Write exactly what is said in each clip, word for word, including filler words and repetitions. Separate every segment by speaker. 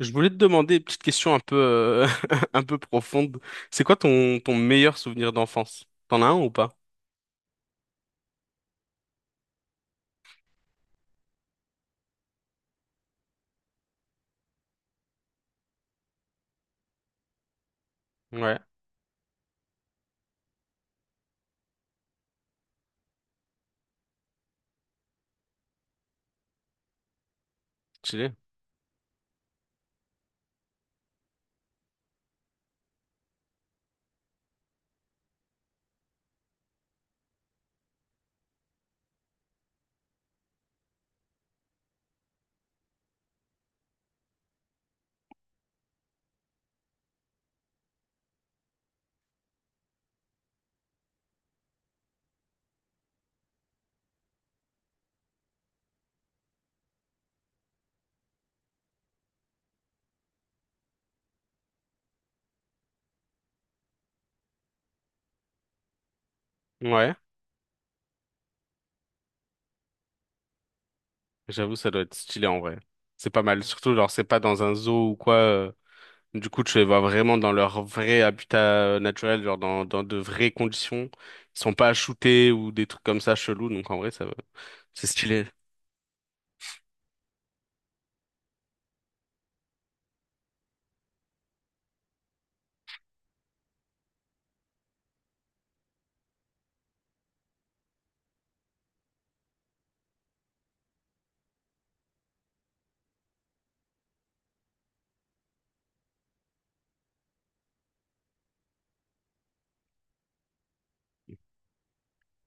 Speaker 1: Je voulais te demander une petite question un peu, euh, un peu profonde. C'est quoi ton, ton meilleur souvenir d'enfance? T'en as un ou pas? Ouais, stylé. Ouais, j'avoue, ça doit être stylé en vrai. C'est pas mal. Surtout, genre, c'est pas dans un zoo ou quoi. euh, Du coup, tu les vois vraiment dans leur vrai habitat euh, naturel, genre dans, dans de vraies conditions. Ils sont pas shootés ou des trucs comme ça chelous. Donc, en vrai, ça, va. C'est stylé.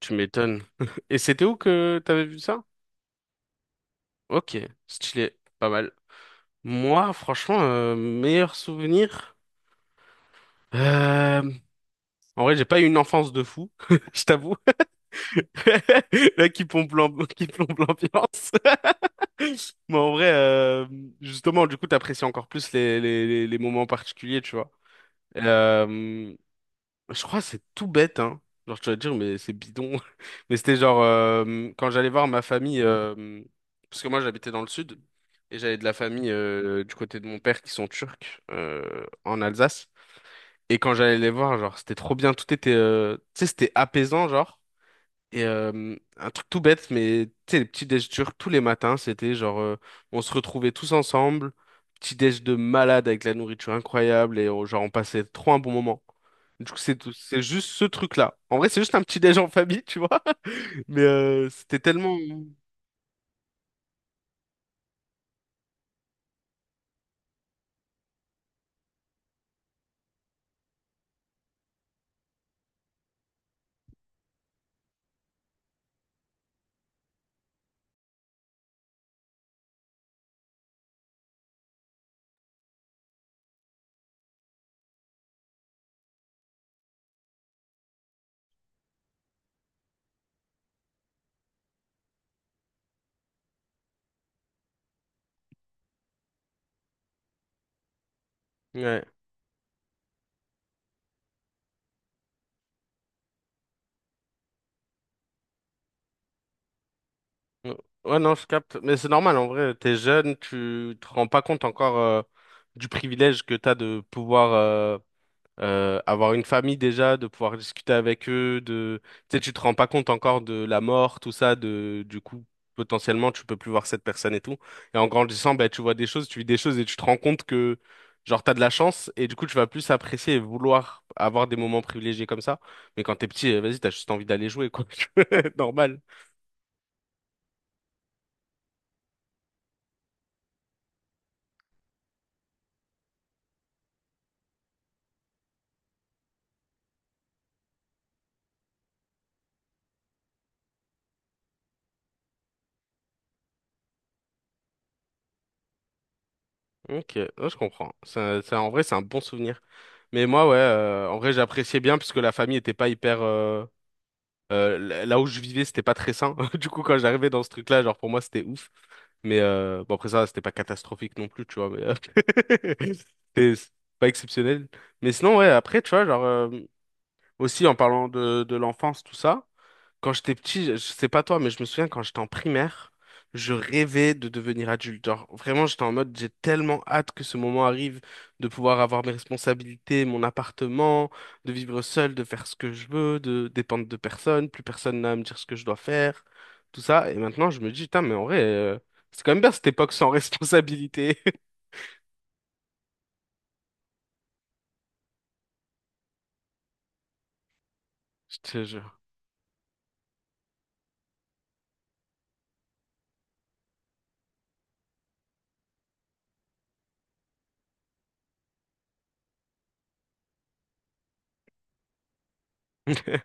Speaker 1: Tu m'étonnes. Et c'était où que t'avais vu ça? Ok, stylé. Pas mal. Moi, franchement, euh, meilleur souvenir. Euh, En vrai, j'ai pas eu une enfance de fou, je t'avoue. Là, qui plombe l'am- qui plombe l'ambiance. Mais en vrai, euh, justement, du coup, t'apprécies encore plus les, les, les, les moments particuliers, tu vois. Euh, Je crois que c'est tout bête, hein. Genre, tu vas te dire, mais c'est bidon. Mais c'était genre, euh, quand j'allais voir ma famille, euh, parce que moi j'habitais dans le sud, et j'avais de la famille euh, du côté de mon père qui sont turcs, euh, en Alsace. Et quand j'allais les voir, genre, c'était trop bien, tout était, euh, tu sais, c'était apaisant, genre. Et euh, un truc tout bête, mais tu sais, les petits déj turcs tous les matins, c'était genre, euh, on se retrouvait tous ensemble, petit déj de malade avec la nourriture incroyable, et on- genre, on passait trop un bon moment. Du coup, c'est tout- c'est juste ce truc-là. En vrai, c'est juste un petit déj en famille, tu vois. Mais euh, c'était tellement... Ouais. Ouais, ouais, non, je capte. Mais c'est normal, en vrai, t'es jeune, tu te rends pas compte encore euh, du privilège que t'as de pouvoir Euh, avoir une famille déjà, de pouvoir discuter avec eux, de, tu sais, tu te rends pas compte encore de la mort, tout ça, de, du coup, potentiellement, tu peux plus voir cette personne et tout. Et en grandissant, bah, tu vois des choses, tu vis des choses et tu te rends compte que, genre, t'as de la chance et du coup, tu vas plus apprécier et vouloir avoir des moments privilégiés comme ça. Mais quand t'es petit, euh, vas-y, t'as juste envie d'aller jouer, quoi. Normal. Ok, ouais, je comprends. Ça, ça, en vrai, c'est un bon souvenir. Mais moi, ouais, euh, en vrai, j'appréciais bien parce que la famille était pas hyper. Euh, Euh, là là où je vivais, c'était pas très sain. Du coup, quand j'arrivais dans ce truc-là, genre pour moi, c'était ouf. Mais euh, bon, après ça, c'était pas catastrophique non plus, tu vois. Mais euh, c'était c'est pas exceptionnel. Mais sinon, ouais, après, tu vois, genre euh, aussi en parlant de, de l'enfance, tout ça. Quand j'étais petit, je je sais pas toi, mais je me souviens quand j'étais en primaire, je rêvais de devenir adulte. Genre, vraiment, j'étais en mode, j'ai tellement hâte que ce moment arrive de pouvoir avoir mes responsabilités, mon appartement, de vivre seul, de faire ce que je veux, de dépendre de personne, plus personne n'a à me dire ce que je dois faire, tout ça. Et maintenant, je me dis, putain, mais en vrai, euh, c'est quand même bien cette époque sans responsabilité. Je te jure. Je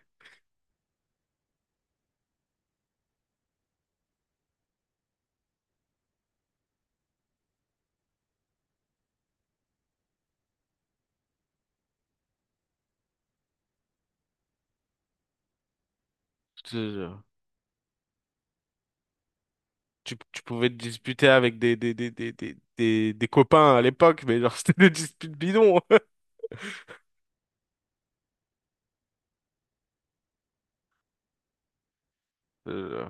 Speaker 1: te jure. Tu, tu pouvais te disputer avec des, des, des, des, des, des, des copains à l'époque, mais genre, c'était des disputes bidons. Euh,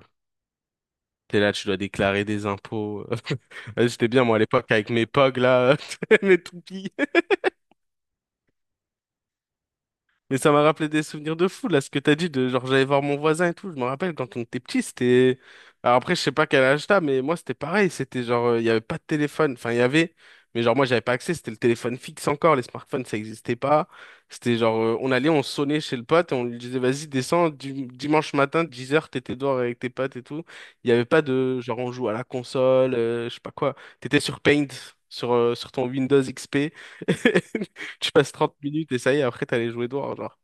Speaker 1: t'es là, tu dois déclarer des impôts. J'étais bien, moi, à l'époque, avec mes pogs, là, mes toupies. Mais ça m'a rappelé des souvenirs de fou, là, ce que t'as dit, de genre j'allais voir mon voisin et tout. Je me rappelle quand on était petit, c'était. Alors après, je sais pas quel âge t'as, mais moi c'était pareil. C'était genre, euh, il y avait pas de téléphone. Enfin, il y avait, mais genre moi j'avais pas accès. C'était le téléphone fixe encore. Les smartphones, ça existait pas. C'était genre, euh, on allait, on sonnait chez le pote et on lui disait, vas-y, descends, du- dimanche matin, dix heures t'étais dehors avec tes potes et tout. Il y avait pas de genre, on joue à la console, euh, je sais pas quoi. T'étais sur Paint, sur, euh, sur ton Windows X P. Tu passes trente minutes et ça y est, après t'as les jouets d'or, genre.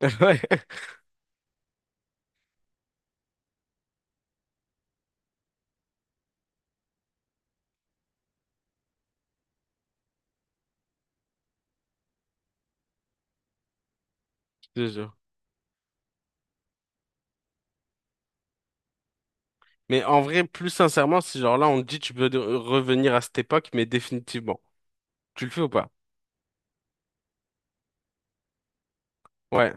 Speaker 1: Ouais, je te jure. Mais en vrai, plus sincèrement, si genre là on te dit tu peux de- revenir à cette époque, mais définitivement. Tu le fais ou pas? Ouais.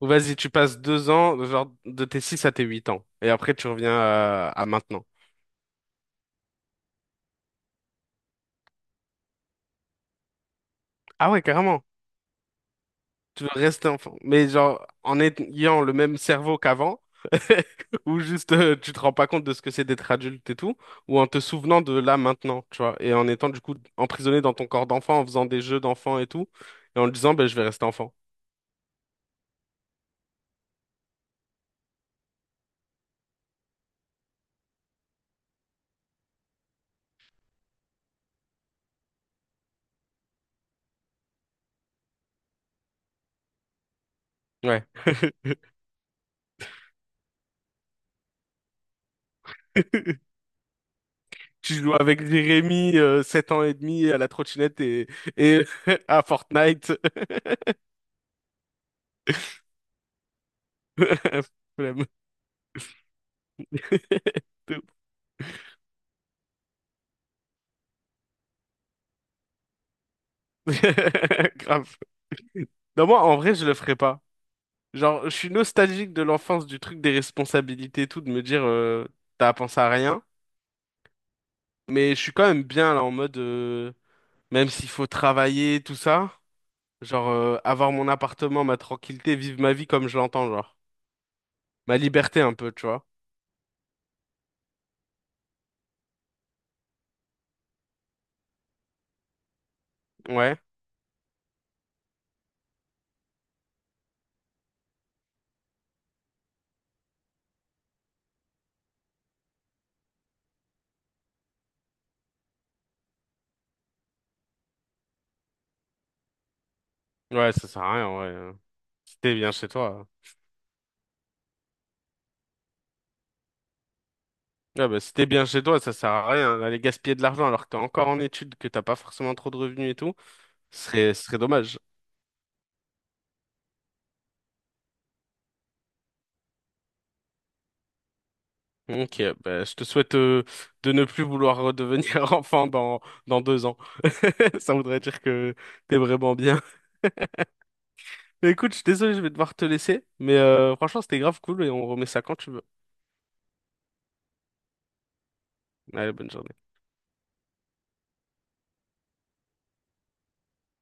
Speaker 1: Ou vas-y, tu passes deux ans, genre de tes six à tes huit ans. Et après tu reviens à, à maintenant. Ah ouais, carrément. Tu veux rester enfant. Mais genre, en ayant le même cerveau qu'avant, ou juste euh, tu te rends pas compte de ce que c'est d'être adulte et tout, ou en te souvenant de là maintenant, tu vois, et en étant du coup emprisonné dans ton corps d'enfant, en faisant des jeux d'enfant et tout, et en te disant, ben, je vais rester enfant. Ouais. Tu joues avec Jérémy, euh, sept ans et demi, à la trottinette et, et à Fortnite. Flemme. De ouf. Grave. Non, moi, en vrai, je le ferais pas. Genre, je suis nostalgique de l'enfance, du truc des responsabilités et tout, de me dire, euh, t'as à penser à rien. Mais je suis quand même bien, là, en mode, euh, même s'il faut travailler, tout ça, genre, euh, avoir mon appartement, ma tranquillité, vivre ma vie comme je l'entends, genre. Ma liberté, un peu, tu vois. Ouais. Ouais, ça sert à rien, ouais. Si t'es bien chez toi, hein. Ah bah, si t'es bien chez toi, ça sert à rien d'aller gaspiller de l'argent alors que t'es encore en études, que t'as pas forcément trop de revenus et tout. Ce serait, ce serait dommage. Ok, bah, je te souhaite euh, de ne plus vouloir redevenir enfant dans, dans deux ans. Ça voudrait dire que t'es vraiment bien. Mais écoute, je suis désolé, je vais devoir te laisser. Mais euh, franchement, c'était grave cool et on remet ça quand tu veux. Allez, bonne journée.